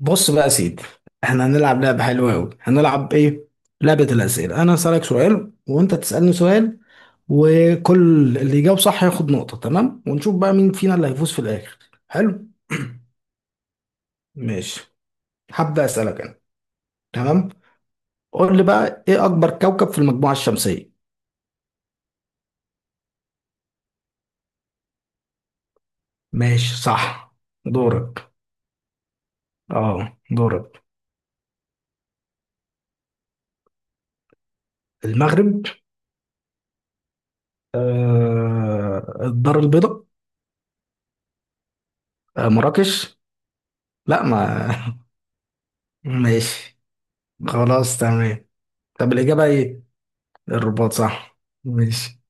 بص بقى يا سيدي، احنا هنلعب لعبة حلوة أوي. هنلعب ايه؟ لعبة الأسئلة. أنا هسألك سؤال وأنت تسألني سؤال، وكل اللي يجاوب صح ياخد نقطة. تمام؟ ونشوف بقى مين فينا اللي هيفوز في الآخر. حلو؟ ماشي، هبدأ أسألك أنا. تمام؟ قول لي بقى، ايه أكبر كوكب في المجموعة الشمسية؟ ماشي، صح. دورك. اه، دورك. المغرب. الدار البيضاء. مراكش. لا، ما ماشي، خلاص، تمام. طب الإجابة ايه؟ الرباط. صح. ماشي.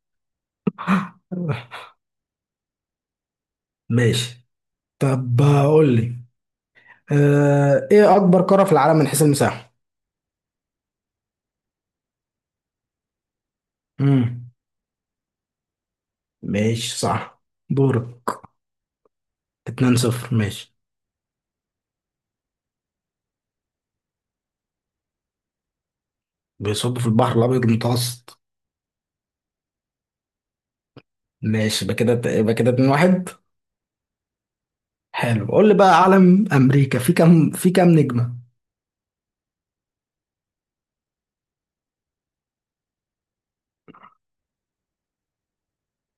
ماشي، طب قول لي، ايه اكبر قارة في العالم من حيث المساحة. امم، ماشي، صح. دورك. 2 0. ماشي. بيصب في البحر الابيض المتوسط. ماشي، يبقى كده 2 1. حلو، قول لي بقى، علم امريكا في كام نجمة؟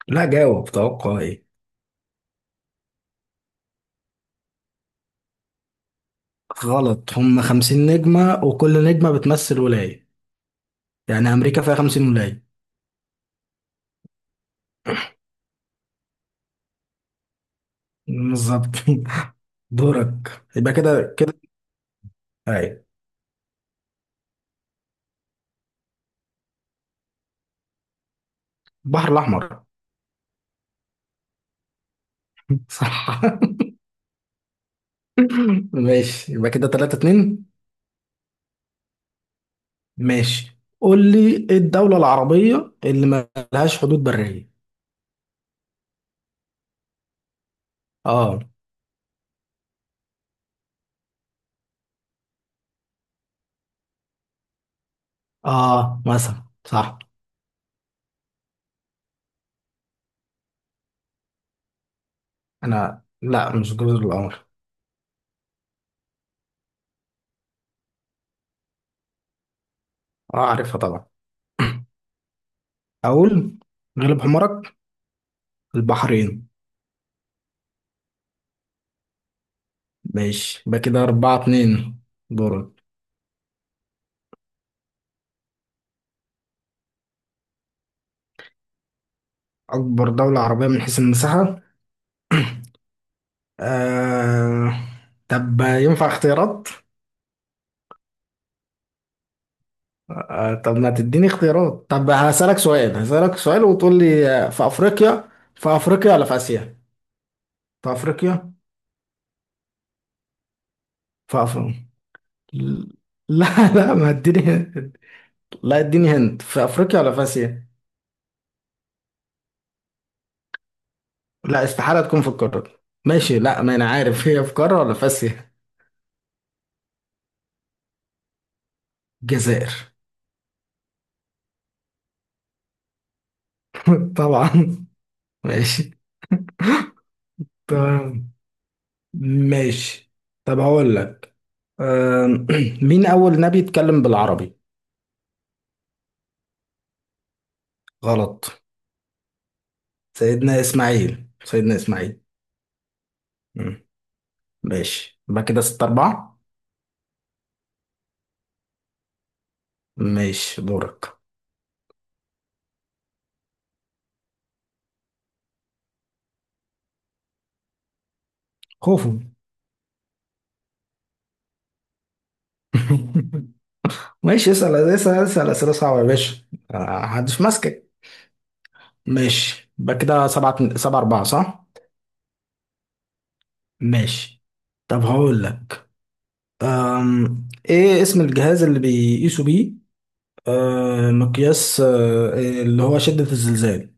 لا، جاوب. توقع ايه؟ غلط، هم 50 نجمة، وكل نجمة بتمثل ولاية. يعني امريكا فيها 50 ولاية. بالظبط. دورك. يبقى كده كده اي. البحر الاحمر. صح. ماشي، يبقى كده 3 2. ماشي، قول لي ايه الدولة العربية اللي ما لهاش حدود برية. اه، اه، مثلا صح. انا لا، مش جزر القمر. اه، عارفها طبعا. اقول، غلب حمارك. البحرين. ماشي، يبقى كده 4 2. دورك. اكبر دولة عربية من حيث المساحة. آه... طب ينفع اختيارات؟ طب ما تديني اختيارات. طب هسألك سؤال، وتقول لي، في أفريقيا. في أفريقيا ولا في آسيا؟ في أفريقيا. في أفريقيا. لا، لا، ما اديني. لا، اديني هند، في أفريقيا ولا في آسيا؟ لا استحالة تكون في القارة. ماشي، لا، ما أنا عارف هي في قارة ولا في آسيا. الجزائر. طبعا. ماشي. تمام. ماشي، طب هقول لك. آم، مين أول نبي اتكلم بالعربي؟ غلط. سيدنا إسماعيل، سيدنا إسماعيل. ماشي، يبقى كده ستة أربعة. ماشي، دورك. خوفو. ماشي، اسأل اسأل اسأل أسئلة صعبة يا باشا. محدش ماسكك. ماشي، يبقى كده سبعة أربعة، صح؟ ماشي، طب هقول لك. إيه اسم الجهاز اللي بيقيسوا بيه مقياس اللي هو شدة الزلزال؟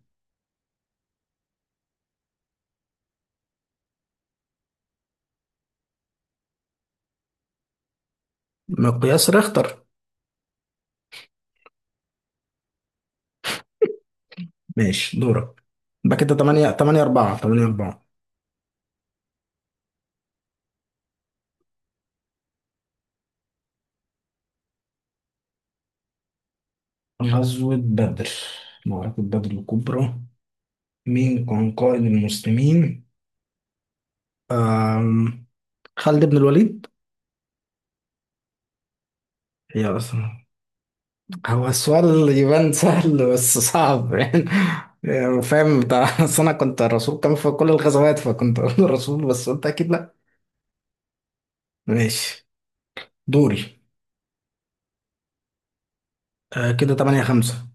مقياس ريختر. ماشي، دورك. يبقى كده تمانية أربعة، تمانية أربعة. غزوة بدر، معركة بدر الكبرى. مين كان قائد المسلمين؟ أم خالد بن الوليد؟ هي أصلا هو السؤال يبان سهل بس صعب يعني. يعني فاهم بتاع، أصل أنا كنت الرسول كان في كل الغزوات، فكنت أقول الرسول، بس قلت أكيد لأ. ماشي. دوري. كده تمانية خمسة.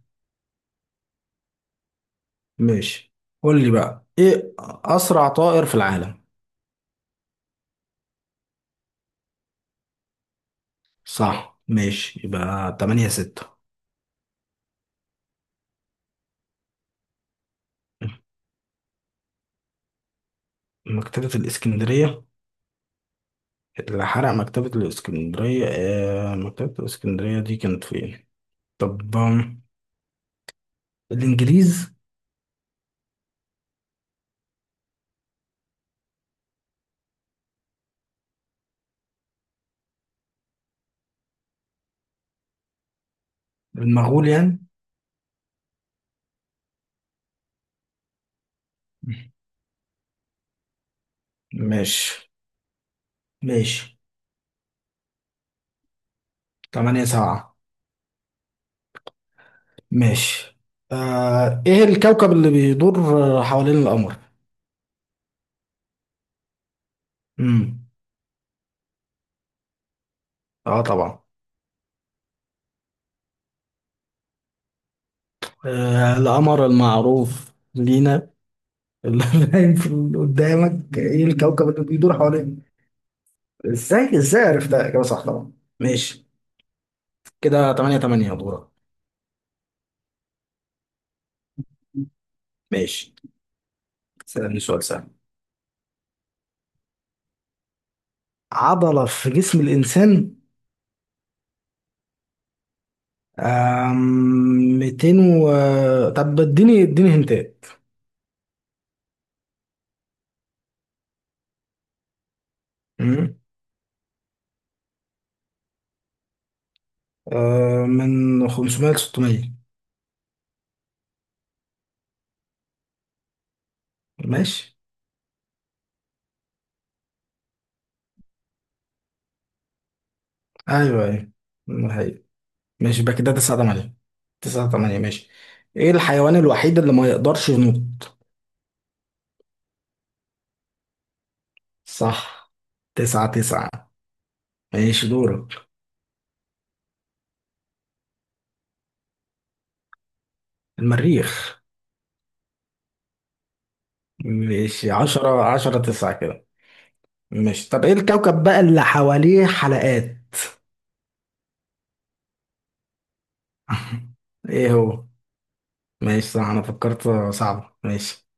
ماشي، قول لي بقى إيه أسرع طائر في العالم؟ صح. ماشي، يبقى تمانية ستة. مكتبة الإسكندرية. اللي حرق مكتبة الإسكندرية، مكتبة الإسكندرية دي كانت فين؟ طب، الإنجليز. المغول يعني. ماشي. ماشي، تمانية سبعة. ماشي. إيه الكوكب اللي بيدور حوالين القمر؟ مم. آه طبعا. القمر المعروف لينا. اللي باين قدامك، إيه الكوكب اللي بيدور حوالين؟ إزاي إزاي عرفتها؟ إجابة صح طبعا. ماشي، كده تمانية تمانية. دورك. ماشي، سألني سؤال سهل. عضلة في جسم الإنسان. 200 و... طب اديني هنتات. أمم. من 500 ل 600. ماشي. ايوه، ايوه. هي. ماشي، يبقى كده 9 8. 9 8. ماشي. ايه الحيوان الوحيد اللي ما يقدرش ينط؟ صح. 9 9. ماشي، دورك. المريخ. ماشي، 10 10 9 كده. ماشي، طب ايه الكوكب بقى اللي حواليه حلقات؟ ايه هو؟ ماشي، صح، انا فكرت صعب. ماشي.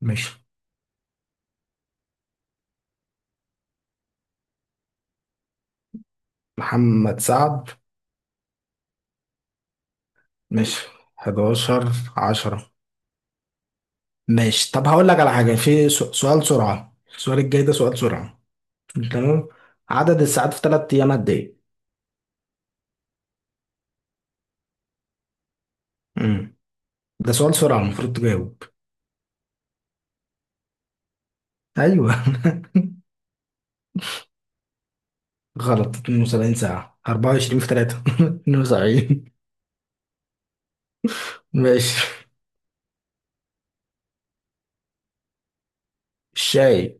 ماشي. محمد سعد. ماشي، 11 10. ماشي، طب هقول لك على حاجة. في سؤال سرعة. السؤال الجاي ده سؤال سرعة. تمام. عدد الساعات في ثلاث أيام قد إيه؟ امم ده سؤال سرعة، المفروض تجاوب. أيوه. غلط. 72 ساعة. 24 في 3، 72. ماشي. الشاي.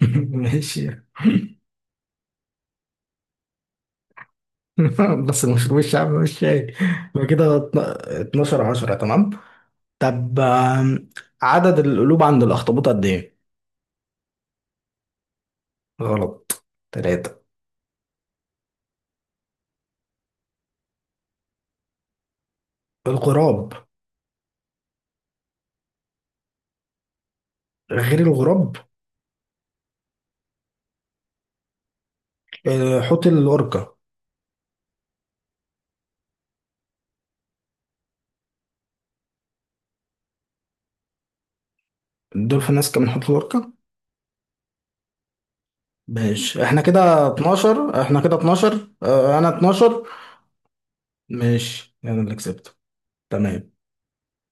ماشي. بس المشروب الشعبي مش شاي؟ يبقى كده 12 10. تمام. طب، عدد القلوب عند الأخطبوط قد إيه؟ غلط. تلاتة. الغراب. غير الغراب. حوت الأوركا. الدولفين أذكى من حوت الأوركا. ماشي، احنا كده 12، احنا كده 12، اه انا 12. ماشي، انا اللي كسبت. تمام.